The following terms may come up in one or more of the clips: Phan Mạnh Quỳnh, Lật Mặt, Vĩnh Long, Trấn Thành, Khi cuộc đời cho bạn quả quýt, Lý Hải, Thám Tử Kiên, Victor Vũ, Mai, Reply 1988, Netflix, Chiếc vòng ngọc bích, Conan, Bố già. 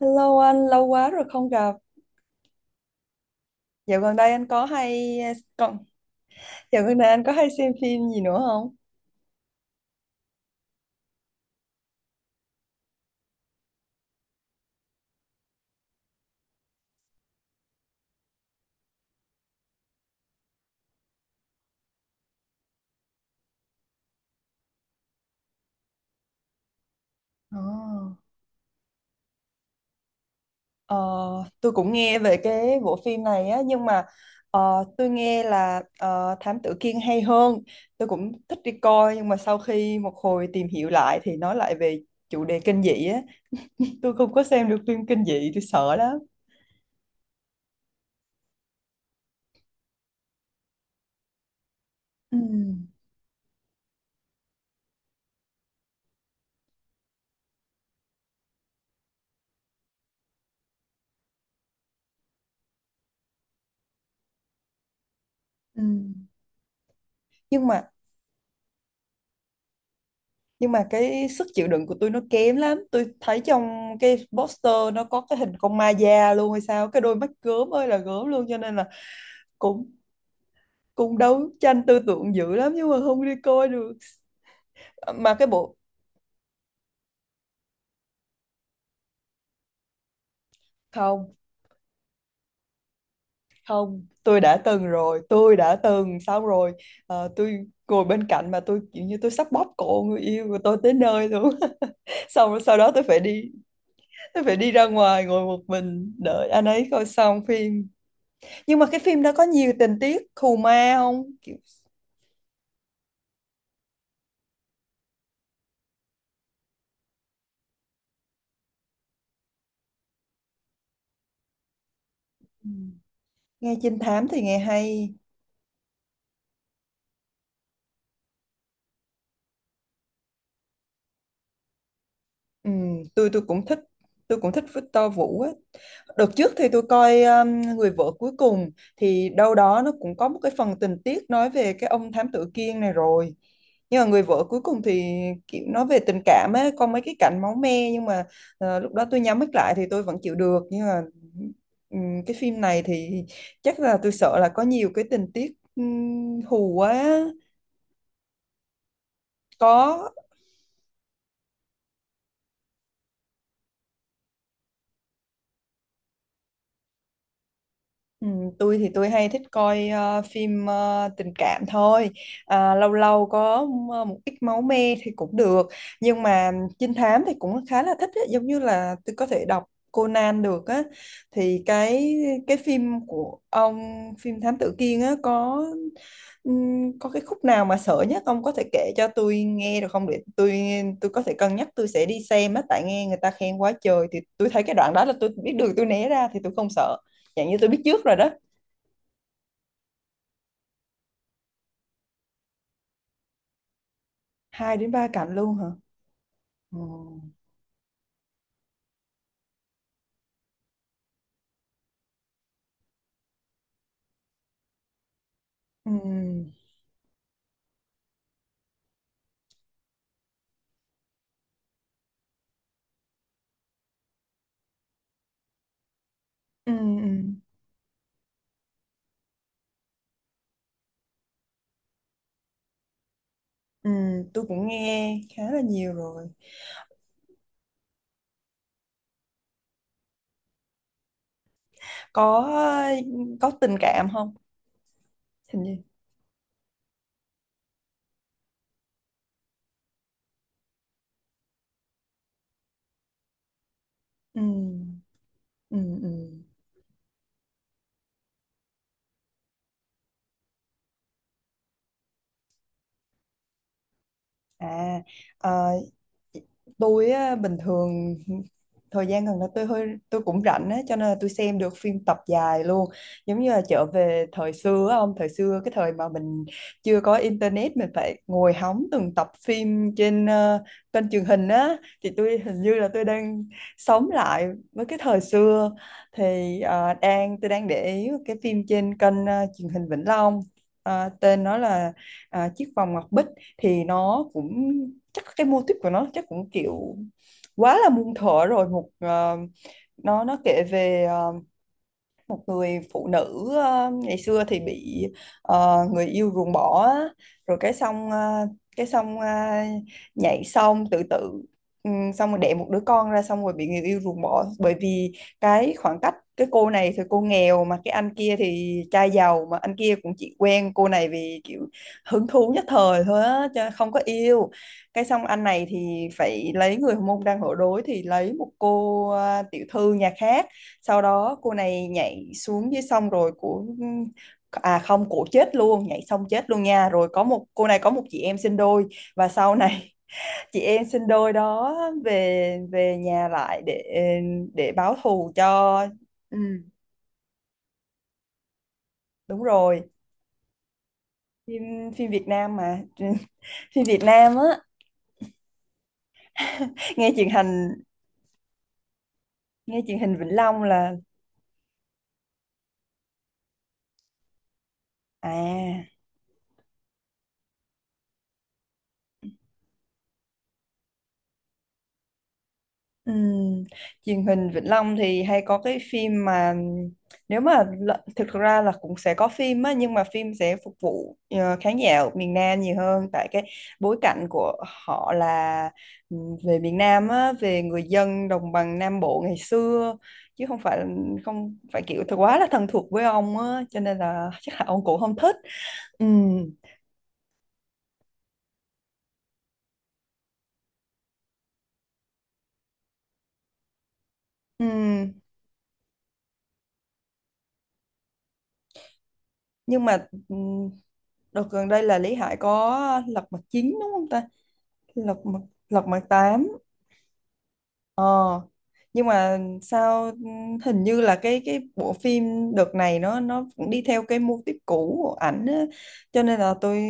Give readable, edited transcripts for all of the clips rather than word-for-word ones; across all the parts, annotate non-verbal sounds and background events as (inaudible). Hello anh, lâu quá rồi không gặp. Dạo gần đây anh có hay còn dạo gần đây anh có hay xem phim gì nữa không? Ồ. Ờ, tôi cũng nghe về cái bộ phim này á nhưng mà tôi nghe là Thám Tử Kiên hay hơn. Tôi cũng thích đi coi nhưng mà sau khi một hồi tìm hiểu lại thì nói lại về chủ đề kinh dị á. (laughs) Tôi không có xem được phim kinh dị, tôi sợ lắm. Ừ. Ừ. Nhưng mà nhưng mà cái sức chịu đựng của tôi nó kém lắm, tôi thấy trong cái poster nó có cái hình con ma da luôn hay sao, cái đôi mắt gớm ơi là gớm luôn cho nên là cũng cũng đấu tranh tư tưởng dữ lắm nhưng mà không đi coi được, mà cái bộ không, không, tôi đã từng rồi, tôi đã từng xong rồi. Tôi ngồi bên cạnh mà tôi kiểu như tôi sắp bóp cổ người yêu của tôi tới nơi luôn. (laughs) Xong rồi sau đó tôi phải đi ra ngoài ngồi một mình đợi anh ấy coi xong phim. Nhưng mà cái phim đó có nhiều tình tiết khù ma không? Kiểu... Ừ. Nghe trinh thám thì nghe hay. Ừ, tôi cũng thích Victor Vũ á. Đợt trước thì tôi coi Người vợ cuối cùng, thì đâu đó nó cũng có một cái phần tình tiết nói về cái ông thám tử Kiên này rồi. Nhưng mà Người vợ cuối cùng thì kiểu nói về tình cảm ấy, có mấy cái cảnh máu me nhưng mà lúc đó tôi nhắm mắt lại thì tôi vẫn chịu được, nhưng mà cái phim này thì chắc là tôi sợ là có nhiều cái tình tiết hù quá. Có. Ừ, tôi thì tôi hay thích coi phim tình cảm thôi. À, lâu lâu có một ít máu me thì cũng được, nhưng mà trinh thám thì cũng khá là thích ấy. Giống như là tôi có thể đọc Conan được á, thì cái phim của ông phim Thám Tử Kiên á có cái khúc nào mà sợ nhất ông có thể kể cho tôi nghe được không, để tôi có thể cân nhắc, tôi sẽ đi xem á tại nghe người ta khen quá trời, thì tôi thấy cái đoạn đó là tôi biết đường tôi né ra thì tôi không sợ. Dạng như tôi biết trước rồi đó. Hai đến ba cạnh luôn hả? Ồ. Ừ. Ừ. Ừ. Ừ. Tôi cũng nghe khá là nhiều rồi. Có có tình cảm không? Hình như. Ừ. Ừ. Ừ. À, ờ, tôi á, bình thường thời gian gần đây tôi cũng rảnh á cho nên là tôi xem được phim tập dài luôn, giống như là trở về thời xưa á, ông thời xưa cái thời mà mình chưa có internet, mình phải ngồi hóng từng tập phim trên kênh truyền hình á. Thì tôi hình như là tôi đang sống lại với cái thời xưa, thì ờ, đang tôi đang để ý cái phim trên kênh truyền hình Vĩnh Long. Tên nó là Chiếc vòng ngọc bích, thì nó cũng chắc cái mô típ của nó chắc cũng kiểu quá là muôn thuở rồi, một nó kể về một người phụ nữ ngày xưa thì bị người yêu ruồng bỏ á. Rồi cái xong ờ, nhảy xong tự tử, xong rồi đẻ một đứa con ra, xong rồi bị người yêu ruồng bỏ bởi vì cái khoảng cách, cái cô này thì cô nghèo mà cái anh kia thì trai giàu, mà anh kia cũng chỉ quen cô này vì kiểu hứng thú nhất thời thôi á chứ không có yêu. Cái xong anh này thì phải lấy người hormone đang ở đối, thì lấy một cô tiểu thư nhà khác. Sau đó cô này nhảy xuống dưới sông rồi à không, cổ chết luôn, nhảy xong chết luôn nha. Rồi có một cô này có một chị em sinh đôi, và sau này (laughs) chị em sinh đôi đó về về nhà lại để báo thù cho. Ừ, đúng rồi, phim phim Việt Nam mà. (laughs) Phim Việt Nam á, nghe truyền hình nghe truyền hình Vĩnh Long là. à Ừm, Truyền hình Vĩnh Long thì hay có cái phim mà nếu mà thực ra là cũng sẽ có phim á, nhưng mà phim sẽ phục vụ khán giả ở miền Nam nhiều hơn tại cái bối cảnh của họ là về miền Nam á, về người dân đồng bằng Nam Bộ ngày xưa, chứ không phải kiểu thật quá là thân thuộc với ông á cho nên là chắc là ông cũng không thích. Ừm. Ừm. Nhưng mà đợt gần đây là Lý Hải có lật mặt 9 đúng không ta, lật mặt lật mặt tám. Ờ, nhưng mà sao hình như là cái bộ phim đợt này nó cũng đi theo cái mô típ cũ của ảnh á. Cho nên là tôi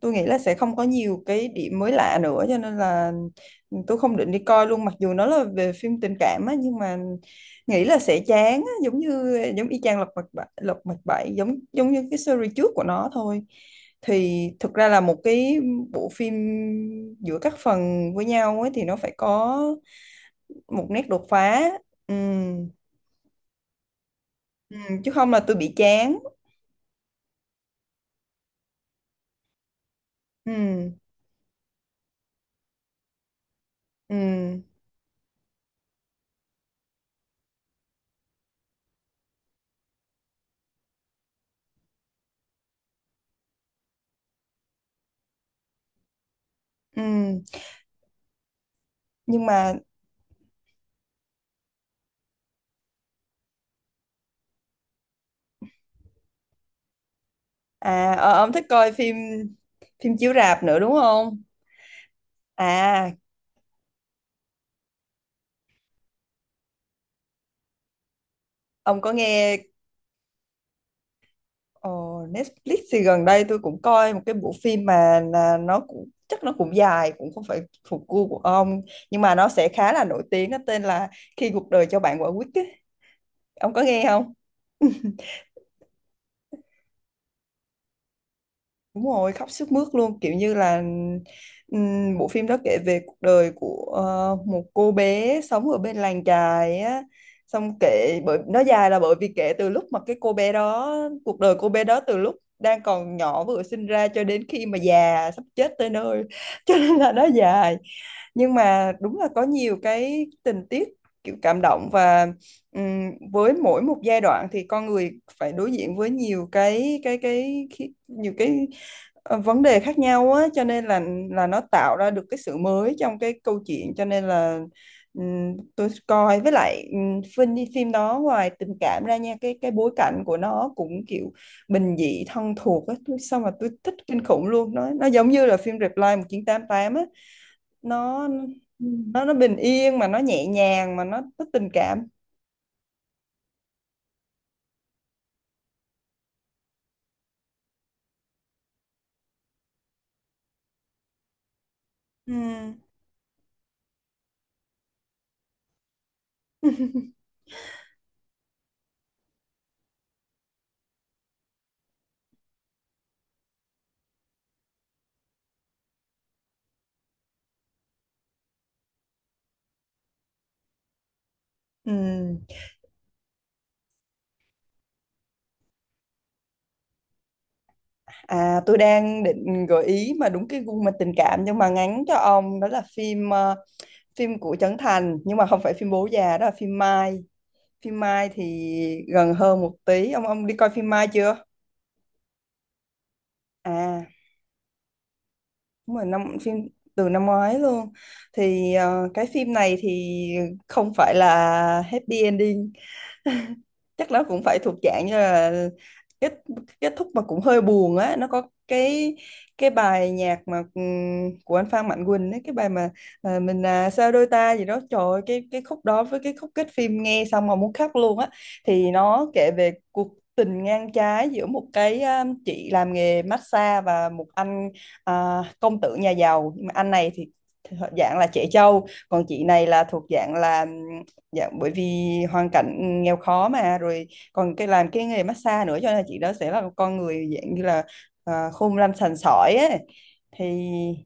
tôi nghĩ là sẽ không có nhiều cái điểm mới lạ nữa, cho nên là tôi không định đi coi luôn, mặc dù nó là về phim tình cảm á nhưng mà nghĩ là sẽ chán á, giống y chang Lật Mặt Bảy. Lật Mặt Bảy giống giống như cái series trước của nó thôi. Thì thực ra là một cái bộ phim giữa các phần với nhau ấy thì nó phải có một nét đột phá. Ừm. Chứ không là tôi bị chán. Ừm. Ừm. Ừm. Nhưng mà ông thích coi phim phim chiếu rạp nữa đúng không? à ông có nghe ờ, Netflix thì gần đây tôi cũng coi một cái bộ phim, mà là nó cũng chắc nó cũng dài, cũng không phải thuộc gu của ông, nhưng mà nó sẽ khá là nổi tiếng, nó tên là Khi cuộc đời cho bạn quả quýt ấy. Ông có nghe không? (laughs) Đúng rồi, khóc sướt mướt luôn, kiểu như là bộ phim đó kể về cuộc đời của một cô bé sống ở bên làng chài á. Xong kể bởi nó dài là bởi vì kể từ lúc mà cái cô bé đó, cuộc đời cô bé đó từ lúc đang còn nhỏ vừa sinh ra cho đến khi mà già sắp chết tới nơi. (laughs) Cho nên là nó dài. Nhưng mà đúng là có nhiều cái tình tiết kiểu cảm động, và với mỗi một giai đoạn thì con người phải đối diện với nhiều cái vấn đề khác nhau á cho nên là nó tạo ra được cái sự mới trong cái câu chuyện, cho nên là tôi coi. Với lại phim phim đó ngoài tình cảm ra nha, cái bối cảnh của nó cũng kiểu bình dị thân thuộc á, tôi xong mà tôi thích kinh khủng luôn, nó giống như là phim Reply 1988 á, nó. Ừ. nó bình yên mà nó nhẹ nhàng mà nó tình cảm. Ừ. Ừ. À, tôi đang định gợi ý mà đúng cái gu mà tình cảm nhưng mà ngắn cho ông, đó là phim của Trấn Thành, nhưng mà không phải phim Bố già, đó là phim Mai. Phim Mai thì gần hơn một tí. Ông đi coi phim Mai chưa? À, đúng rồi, năm phim từ năm ngoái luôn. Thì cái phim này thì không phải là happy ending, chắc nó cũng phải thuộc dạng như là kết kết thúc mà cũng hơi buồn á, nó có cái cái bài nhạc mà của anh Phan Mạnh Quỳnh ấy, cái bài mà mình, sao đôi ta gì đó trời ơi, cái khúc đó với cái khúc kết phim nghe xong mà muốn khóc luôn á. Thì nó kể về cuộc tình ngang trái giữa một cái chị làm nghề massage và một anh công tử nhà giàu. Nhưng mà anh này thì họ dạng là trẻ trâu, còn chị này là thuộc dạng là Dạ, bởi vì hoàn cảnh nghèo khó mà rồi còn cái làm cái nghề massage nữa, cho nên là chị đó sẽ là một con người dạng như là khôn lanh sành sỏi ấy. Thì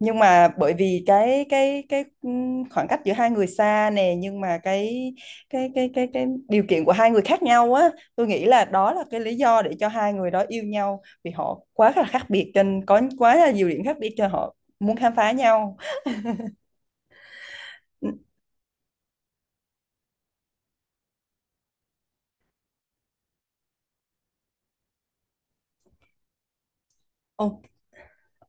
nhưng mà bởi vì cái khoảng cách giữa hai người xa nè, nhưng mà cái điều kiện của hai người khác nhau á, tôi nghĩ là đó là cái lý do để cho hai người đó yêu nhau, vì họ quá là khác biệt cho nên có quá là nhiều điểm khác biệt cho họ muốn khám phá nhau. Ừ.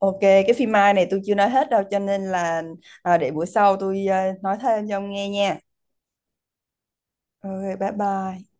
OK, cái phim Mai này tôi chưa nói hết đâu cho nên là để bữa sau tôi nói thêm cho ông nghe nha. OK, bye bye.